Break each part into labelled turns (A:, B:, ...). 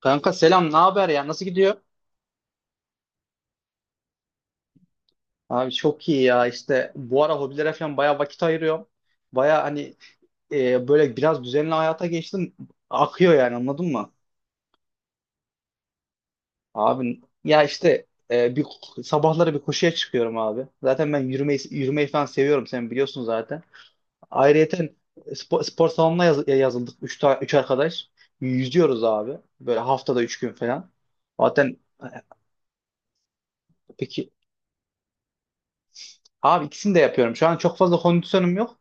A: Kanka selam, ne haber ya? Nasıl gidiyor? Abi çok iyi ya. İşte bu ara hobilere falan bayağı vakit ayırıyorum. Bayağı hani böyle biraz düzenli hayata geçtim. Akıyor yani anladın mı? Abi ya işte e, bir sabahları bir koşuya çıkıyorum abi. Zaten ben yürümeyi falan seviyorum sen biliyorsun zaten. Ayrıyeten spor salonuna yazıldık üç arkadaş. Yüzüyoruz abi. Böyle haftada 3 gün falan. Zaten e, peki abi ikisini de yapıyorum. Şu an çok fazla kondisyonum yok.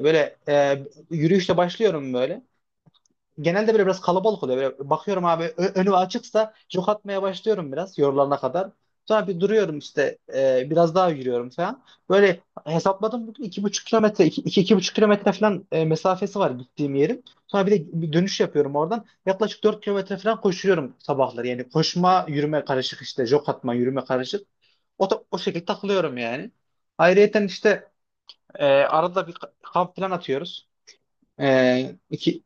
A: Böyle yürüyüşle başlıyorum böyle. Genelde böyle biraz kalabalık oluyor. Böyle bakıyorum abi önü açıksa jog atmaya başlıyorum biraz yorulana kadar. Sonra bir duruyorum işte biraz daha yürüyorum falan. Böyle hesapladım bugün 2,5 kilometre falan mesafesi var gittiğim yerin. Sonra bir de bir dönüş yapıyorum oradan. Yaklaşık 4 kilometre falan koşuyorum sabahları. Yani koşma yürüme karışık işte jog atma yürüme karışık. O şekilde takılıyorum yani. Ayrıyeten işte arada bir kamp falan atıyoruz. Ee, iki,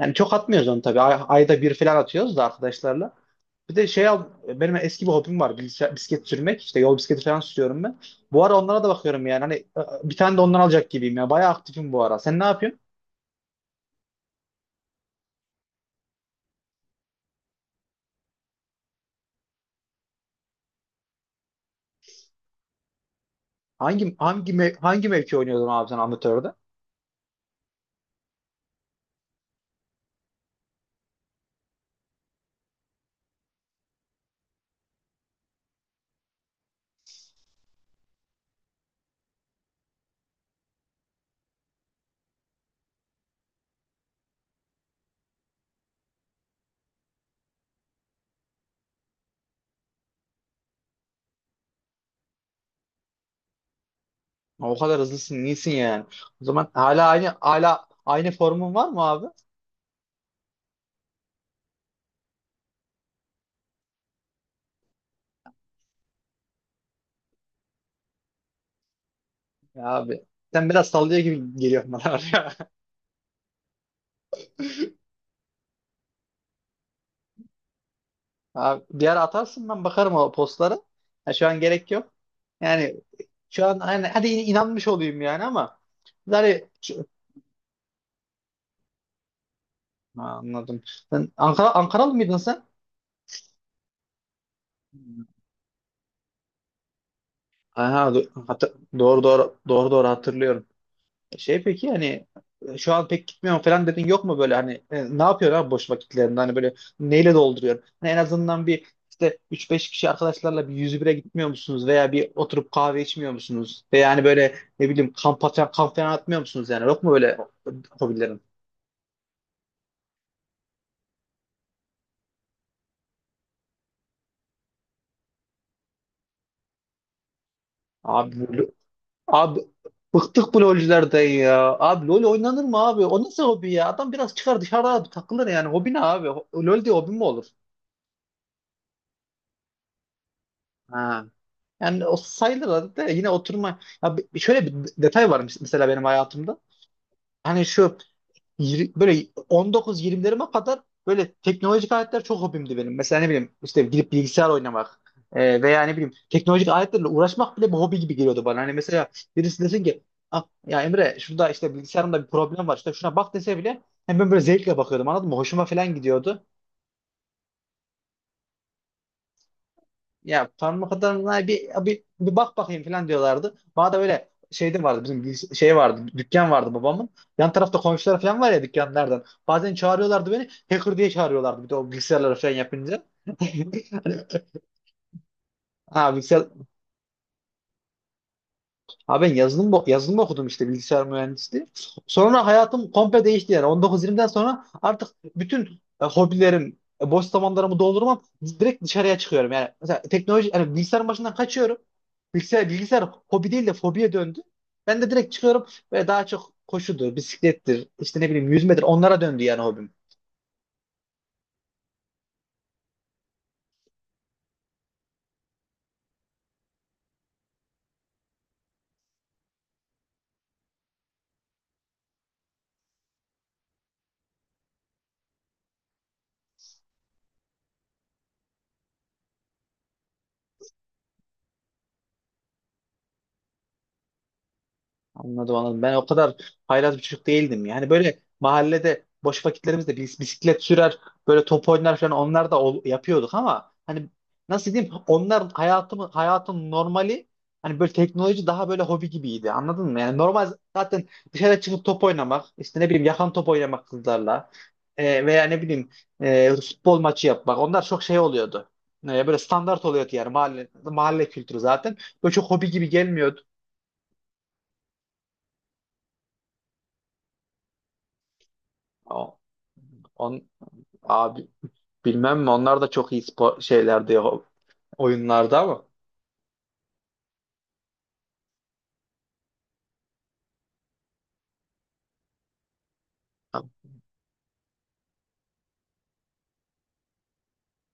A: Yani çok atmıyoruz onu tabii. Ayda bir falan atıyoruz da arkadaşlarla. Bir de şey al, benim eski bir hobim var. Bisiklet sürmek. İşte yol bisikleti falan sürüyorum ben. Bu ara onlara da bakıyorum yani. Hani bir tane de ondan alacak gibiyim ya. Bayağı aktifim bu ara. Sen ne yapıyorsun? Hangi mevki oynuyordun abi sen amatörde? O kadar hızlısın, iyisin yani. O zaman hala aynı formun var mı abi? Ya abi sen biraz sallıyor gibi geliyor bana var ya. Abi, bir ara atarsın ben bakarım o postları. Ha, şu an gerek yok. Yani şu an hani hadi inanmış olayım yani ama yani. Ha, anladım. Sen Ankaralı mıydın sen? Hmm. Aha, doğru doğru doğru doğru hatırlıyorum. Şey peki hani şu an pek gitmiyorum falan dedin yok mu böyle hani ne yapıyorsun abi boş vakitlerinde hani böyle neyle dolduruyorsun? Hani en azından bir işte üç beş kişi arkadaşlarla bir 101'e gitmiyor musunuz veya bir oturup kahve içmiyor musunuz? Veya hani böyle ne bileyim kamp atan kamp falan atmıyor musunuz yani yok mu böyle hobilerin? Abi Abi bıktık bu LoL'lerden ya. Abi LoL oynanır mı abi? O nasıl hobi ya? Adam biraz çıkar dışarı abi takılır yani. Hobi ne abi? LoL diye hobi mi olur? Ha. Yani o sayılır da yine oturma. Ya şöyle bir detay var mesela benim hayatımda. Hani şu böyle 19-20'lerime kadar böyle teknolojik aletler çok hobimdi benim. Mesela ne bileyim işte gidip bilgisayar oynamak veya ne bileyim teknolojik aletlerle uğraşmak bile bir hobi gibi geliyordu bana. Hani mesela birisi desin ki ah, ya Emre şurada işte bilgisayarımda bir problem var işte şuna bak dese bile hem ben böyle zevkle bakıyordum anladın mı? Hoşuma falan gidiyordu. Ya parmak adamına bir bak bakayım falan diyorlardı. Bana da böyle şeyde vardı bizim bir şey vardı dükkan vardı babamın. Yan tarafta komşular falan var ya dükkanlardan. Bazen çağırıyorlardı beni hacker diye çağırıyorlardı bir de o bilgisayarlara falan yapınca. Hani. Ha, bilgisayar. Abi ben yazılım okudum işte bilgisayar mühendisliği. Sonra hayatım komple değişti yani. On dokuz 20den sonra artık bütün hobilerim, boş zamanlarımı doldurmam direkt dışarıya çıkıyorum. Yani mesela teknoloji, yani bilgisayarın başından kaçıyorum. Bilgisayar hobi değil de fobiye döndü. Ben de direkt çıkıyorum ve daha çok koşudur, bisiklettir, işte ne bileyim yüzmedir onlara döndü yani hobim. Anladım anladım. Ben o kadar haylaz bir çocuk değildim. Yani böyle mahallede boş vakitlerimizde bisiklet sürer, böyle top oynar falan onlar da yapıyorduk ama hani nasıl diyeyim onlar hayatımı hayatın normali hani böyle teknoloji daha böyle hobi gibiydi. Anladın mı? Yani normal zaten dışarı çıkıp top oynamak, işte ne bileyim yakan top oynamak kızlarla veya ne bileyim futbol maçı yapmak. Onlar çok şey oluyordu. Böyle standart oluyordu yani mahalle mahalle kültürü zaten. Böyle çok hobi gibi gelmiyordu. O- On, Abi bilmem mi onlar da çok iyi spor şeylerdi ya, oyunlarda ama.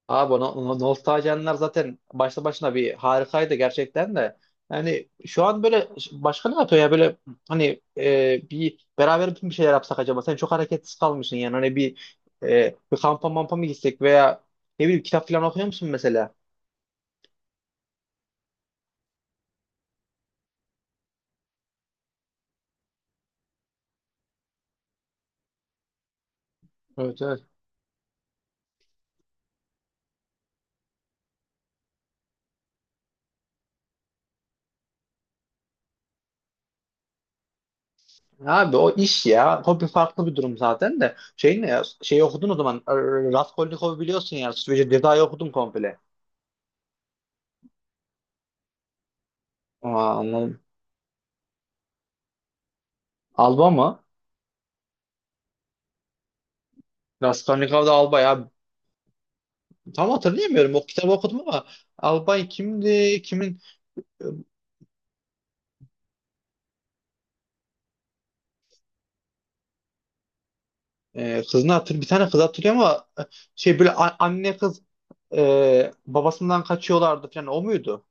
A: Abi o nostaljenler zaten başta başına bir harikaydı gerçekten de. Yani şu an böyle başka ne yapıyor ya böyle hani bir beraber bütün bir şeyler yapsak acaba? Sen çok hareketsiz kalmışsın yani hani bir kampa mampa mı gitsek veya ne bileyim kitap falan okuyor musun mesela? Evet evet. Abi o iş ya. Hobi farklı bir durum zaten de. Şey ne ya? Şeyi okudun o zaman. Raskolnikov'u biliyorsun ya. Suç ve Ceza'yı okudun komple. Aa, anladım. Alba mı? Raskolnikov'da Alba ya. Tam hatırlayamıyorum. O kitabı okudum ama Albay kimdi? Kimin kızını bir tane kız hatırlıyor ama şey böyle anne kız babasından kaçıyorlardı falan o muydu?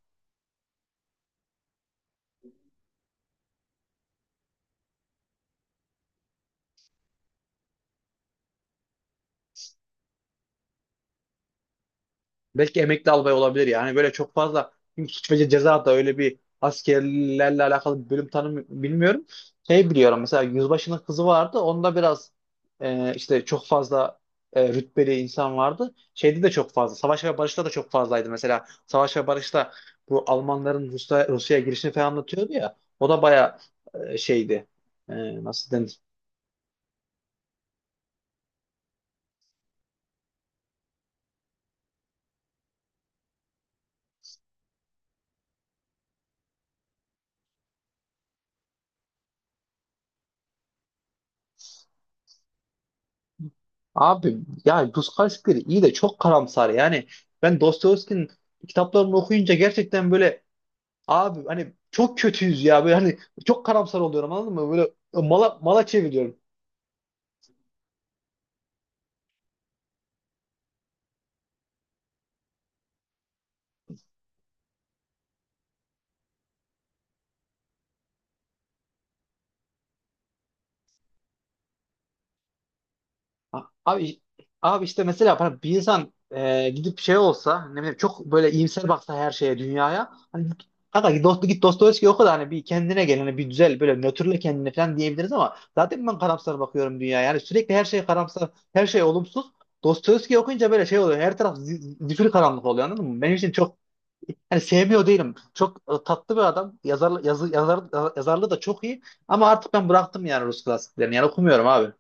A: Belki emekli albay olabilir yani. Böyle çok fazla çünkü Suç ve Ceza da öyle bir askerlerle alakalı bir bölüm tanım bilmiyorum. Şey biliyorum mesela Yüzbaşı'nın kızı vardı. Onda biraz işte çok fazla rütbeli insan vardı. Şeyde de çok fazla. Savaş ve Barış'ta da çok fazlaydı. Mesela Savaş ve Barış'ta bu Almanların Rusya'ya girişini falan anlatıyordu ya. O da bayağı şeydi. E, nasıl denir? Abi yani Puskás bir iyi de çok karamsar yani. Ben Dostoyevski'nin kitaplarını okuyunca gerçekten böyle abi hani çok kötüyüz ya böyle hani çok karamsar oluyorum anladın mı? Böyle mala, mala çeviriyorum. A- Abi abi, işte mesela bana bir insan gidip şey olsa ne bileyim çok böyle iyimser baksa her şeye dünyaya hani kanka git dost git Dostoyevski oku da hani bir kendine gel hani bir güzel böyle nötrle kendine falan diyebiliriz ama zaten ben karamsar bakıyorum dünyaya yani sürekli her şey karamsar her şey olumsuz Dostoyevski okuyunca böyle şey oluyor her taraf zifiri karanlık oluyor anladın mı? Benim için çok hani sevmiyor değilim. Çok tatlı bir adam. Yazarlığı da çok iyi. Ama artık ben bıraktım yani Rus klasiklerini. Yani okumuyorum abi.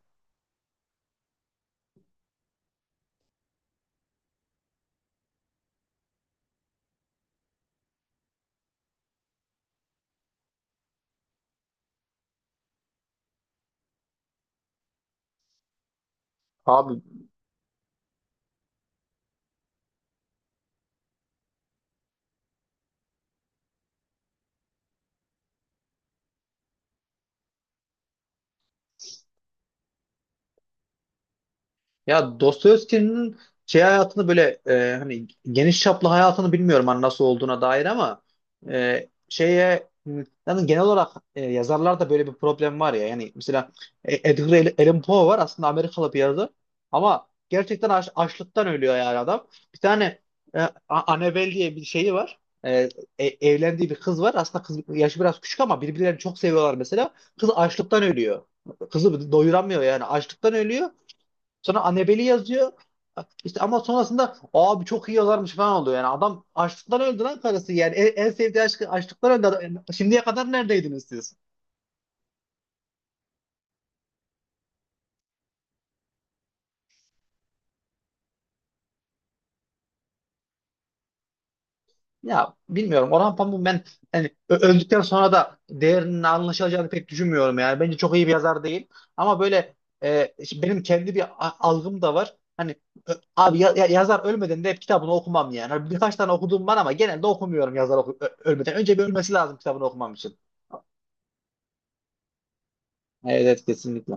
A: Abi, ya Dostoyevski'nin şey hayatını böyle hani geniş çaplı hayatını bilmiyorum hani nasıl olduğuna dair ama yani genel olarak yazarlarda böyle bir problem var ya yani mesela Edgar Allan Poe var aslında Amerikalı bir yazar ama gerçekten açlıktan ölüyor yani adam. Bir tane e, A- Annabelle diye bir şeyi var. E, Evlendiği bir kız var. Aslında kız yaşı biraz küçük ama birbirlerini çok seviyorlar mesela. Kız açlıktan ölüyor. Kızı doyuramıyor yani açlıktan ölüyor. Sonra Annabelle'i yazıyor. İşte ama sonrasında abi çok iyi yazarmış falan oluyor. Yani adam açlıktan öldü lan karısı. Yani en, en sevdiği aşkı açlıktan öldü. Yani şimdiye kadar neredeydiniz siz? Ya bilmiyorum. Orhan Pamuk ben hani öldükten sonra da değerinin anlaşılacağını pek düşünmüyorum yani. Bence çok iyi bir yazar değil. Ama böyle şimdi benim kendi bir algım da var. Hani abi yazar ölmeden de hep kitabını okumam yani. Hani birkaç tane okuduğum var ama genelde okumuyorum yazar ölmeden. Önce bir ölmesi lazım kitabını okumam için. Evet, evet kesinlikle.